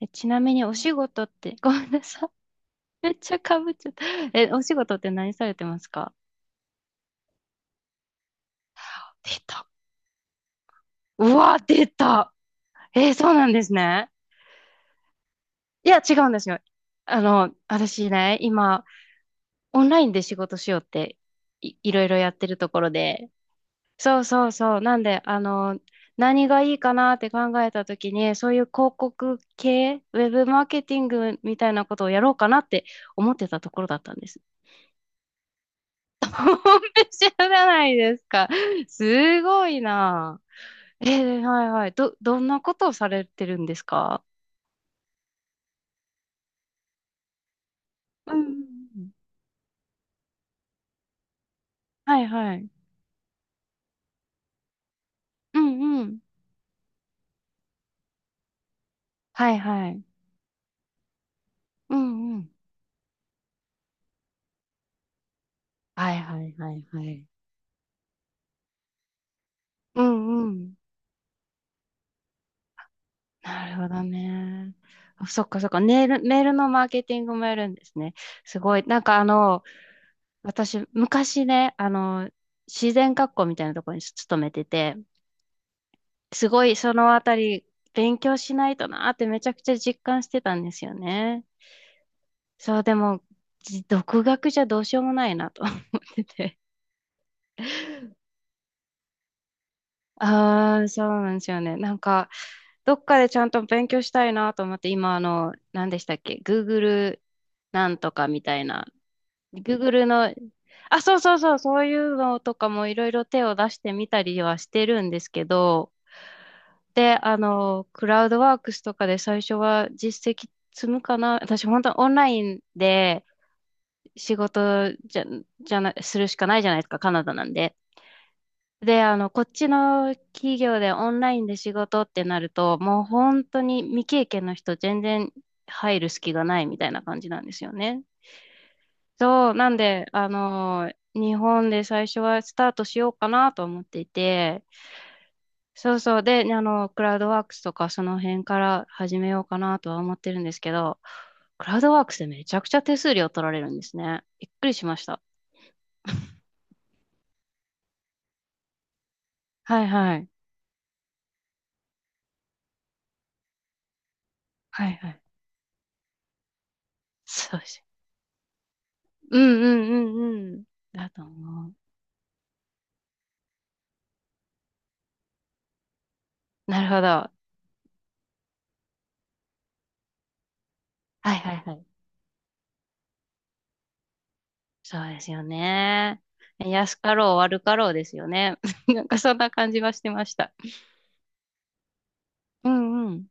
ちなみにお仕事って、ごめんなさい。めっちゃかぶっちゃった。お仕事って何されてますか？出た。うわ、出た。そうなんですね。いや、違うんですよ。私ね、今、オンラインで仕事しようっていろいろやってるところで。そうそうそう。なんで、何がいいかなって考えたときに、そういう広告系、ウェブマーケティングみたいなことをやろうかなって思ってたところだったんです。ほんぺちゃじゃないですか。すごいな。えはいはい。どんなことをされてるんですか？うんうん。うん。はいはい。うんうん。はいはい。うんうん。はいはいはいはい。うんうん。なるほどね。あ、そっかそっか。メールのマーケティングもやるんですね。すごい。なんか私、昔ね、自然学校みたいなところに勤めてて、すごいそのあたり勉強しないとなーってめちゃくちゃ実感してたんですよね。そう、でも、独学じゃどうしようもないなと 思ってて。ああ、そうなんですよね。なんか、どっかでちゃんと勉強したいなと思って、今、何でしたっけ？ Google なんとかみたいな。Google の、あ、そうそうそう、そういうのとかもいろいろ手を出してみたりはしてるんですけど、で、クラウドワークスとかで最初は実績積むかな。私、本当オンラインで仕事じゃ、じゃな、するしかないじゃないですか、カナダなんで。で、こっちの企業でオンラインで仕事ってなると、もう本当に未経験の人全然入る隙がないみたいな感じなんですよね。そう、なんで、日本で最初はスタートしようかなと思っていて、そうそう。で、クラウドワークスとかその辺から始めようかなとは思ってるんですけど、クラウドワークスでめちゃくちゃ手数料取られるんですね。びっくりしました。はいはい。はいはい。そうです。うんうんうんうん。だと思う。なるほど。はいはいはい。そうですよね。安かろう悪かろうですよね。なんかそんな感じはしてました。うんうん。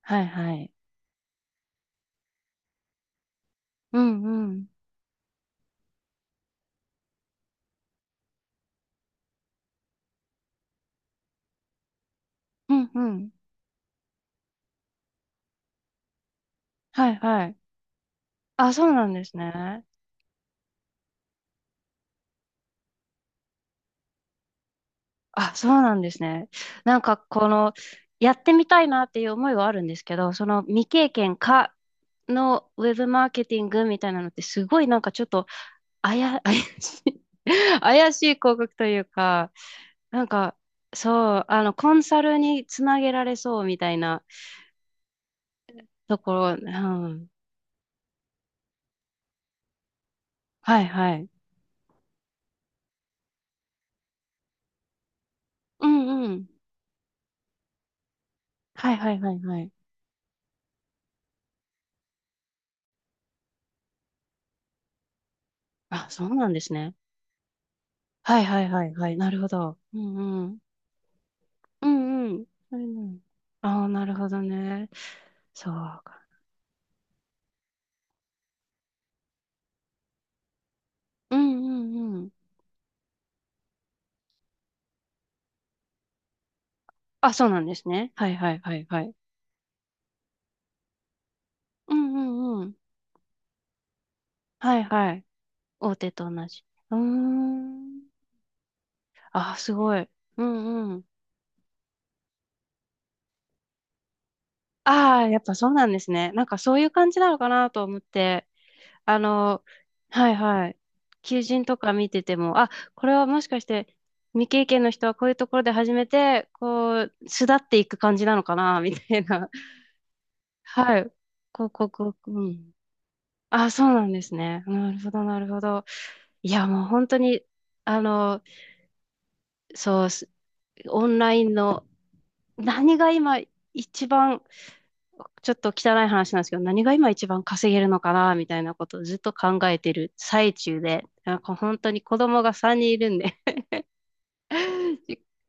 はいはい。うんうん。うんうん。はいはい。あ、そうなんですね。あ、そうなんですね。なんかこのやってみたいなっていう思いはあるんですけど、その未経験かのウェブマーケティングみたいなのってすごいなんかちょっと怪しい 怪しい広告というか、なんかそう、あのコンサルにつなげられそうみたいなところ、うん、はいはい。うんうん。はいはいはいはい。あ、そうなんですね。はいはいはいはい。なるほど。うんうんうん。うんうん。ああ、なるほどね。そうか。うんうんうん。あ、そうなんですね。はいはいはいはい。うんうんうん。はいはい。大手と同じ。うーん。あ、すごい。うんうん。ああ、やっぱそうなんですね。なんかそういう感じなのかなと思って。あの、はいはい。求人とか見てても、あ、これはもしかして未経験の人はこういうところで始めて、こう、巣立っていく感じなのかな、みたいな。はい。広告、うん。あ、そうなんですね。なるほど、なるほど。いや、もう本当に、あの、そうす、オンラインの、何が今一番、ちょっと汚い話なんですけど、何が今一番稼げるのかな、みたいなことをずっと考えてる最中で、なんか本当に子供が3人いるんで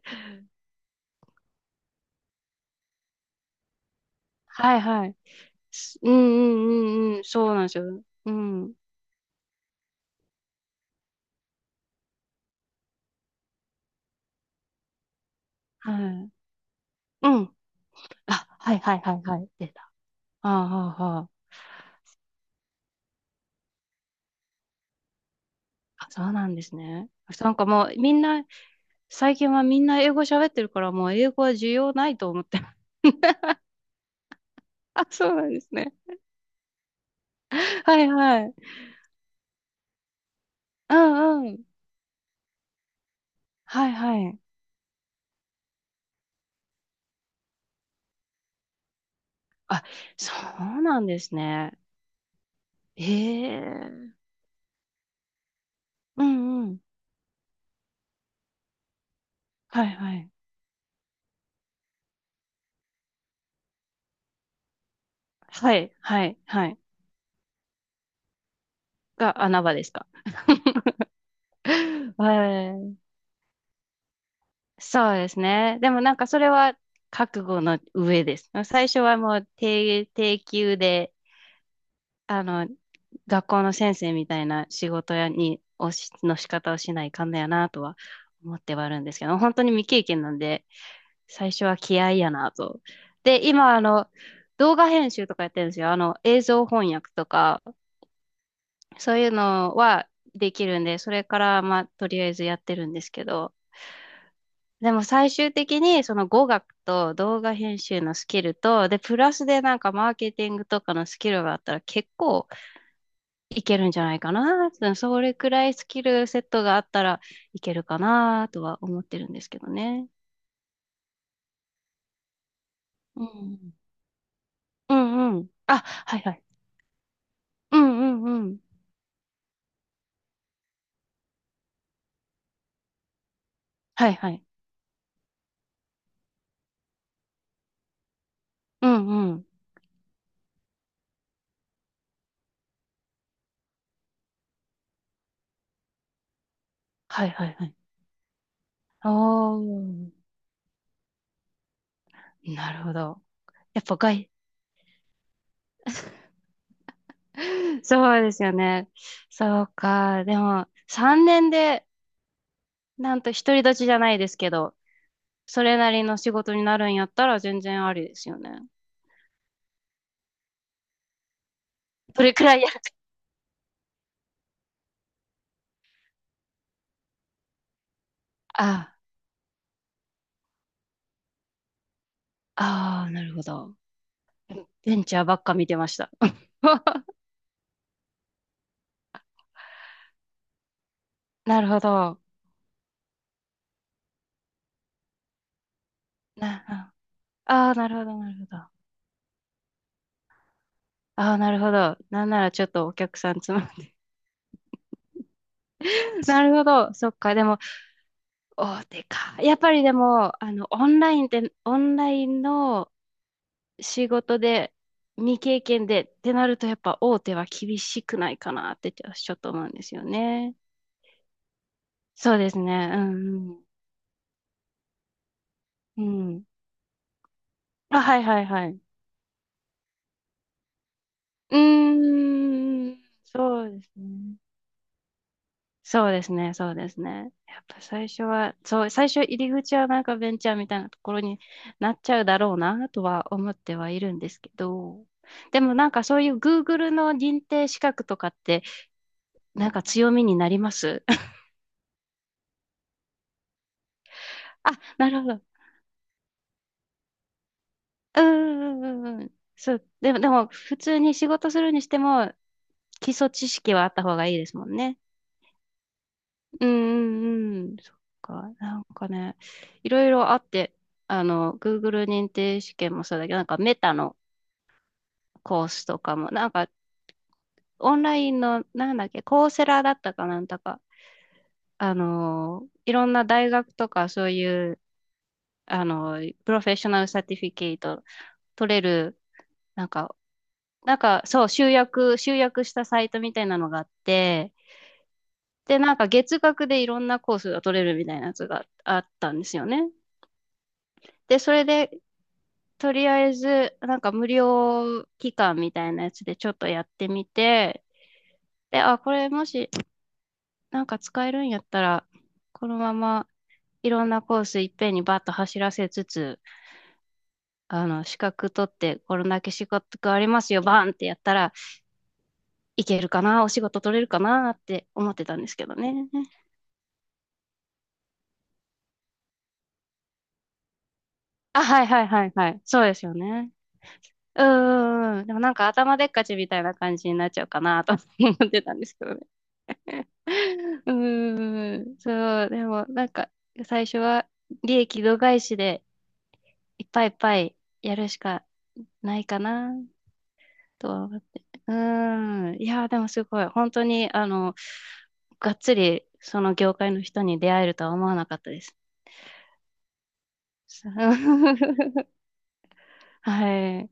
はいはい。すうんうんうんうん、そうなんですよ。うん。はい。うん。あ、はいはいはいはい。出た。ああ、ああ、あ、そうなんですね。なんかもうみんな、最近はみんな英語喋ってるから、もう英語は需要ないと思って。あ、そうなんですね。はいはい。うんうん。はいはい。あ、そうなんですね。へえ。うんうん。はいはい。はいはいはい。が穴場ですか？はい。そうですね。でもなんかそれは覚悟の上です。最初はもう低級で、あの、学校の先生みたいな仕事やに、をし、の仕方をしないかんだよなとは思ってはあるんですけど、本当に未経験なんで、最初は気合いやなと。で、今、動画編集とかやってるんですよ。映像翻訳とか、そういうのはできるんで、それから、まあ、とりあえずやってるんですけど、でも最終的にその語学と動画編集のスキルと、で、プラスでなんかマーケティングとかのスキルがあったら結構いけるんじゃないかな。それくらいスキルセットがあったらいけるかなとは思ってるんですけどね。うん。うんうん。あ、はいはい。うんうんうん。はいはい。うんうん。はいはいはい。おー。なるほど。やっぱ外、そうですよね。そうか。でも、3年で、なんと独り立ちじゃないですけど、それなりの仕事になるんやったら全然ありですよね。それくらいや。ああ、ああ、なるほど。ベンチャーばっか見てました。なるほど。な、ああー、なるほど、なるほど。ああ、なるほど。なんならちょっとお客さんつま、なるほど。そっか。でも、大手か。やっぱりでも、オンラインの仕事で、未経験でってなると、やっぱ大手は厳しくないかなってちょっと思うんですよね。そうですね。うん、うん。うん。あ、はいはいはい。うーん、そうですね。そうですね。やっぱ最初は、そう、最初入り口はなんかベンチャーみたいなところになっちゃうだろうなとは思ってはいるんですけど、でもなんかそういう Google の認定資格とかってなんか強みになります？ あ、なるほど。うんうんうんうん。そう。でも普通に仕事するにしても基礎知識はあった方がいいですもんね。うんうんうん、そっか、なんかね、いろいろあって、Google 認定試験もそうだけど、なんかメタのコースとかも、なんかオンラインの、なんだっけ、コーセラだったかなんだか、いろんな大学とかそういう、あの、プロフェッショナルサティフィケート取れる、なんか、なんかそう、集約したサイトみたいなのがあって、で、なんか月額でいろんなコースが取れるみたいなやつがあったんですよね。で、それで、とりあえず、なんか無料期間みたいなやつでちょっとやってみて、で、あ、これもしなんか使えるんやったら、このままいろんなコースいっぺんにバッと走らせつつ、資格取ってこれだけ資格がありますよ、バーンってやったらいけるかな、お仕事取れるかなって思ってたんですけどね。あ、はいはいはいはい。そうですよね。うーん。でもなんか頭でっかちみたいな感じになっちゃうかなと思ってたんですけど うーん、そう、でもなんか最初は利益度外視でいっぱいいっぱいやるしかないかなとは思って。うーん、いやー、でもすごい、本当にがっつりその業界の人に出会えるとは思わなかったです。はい。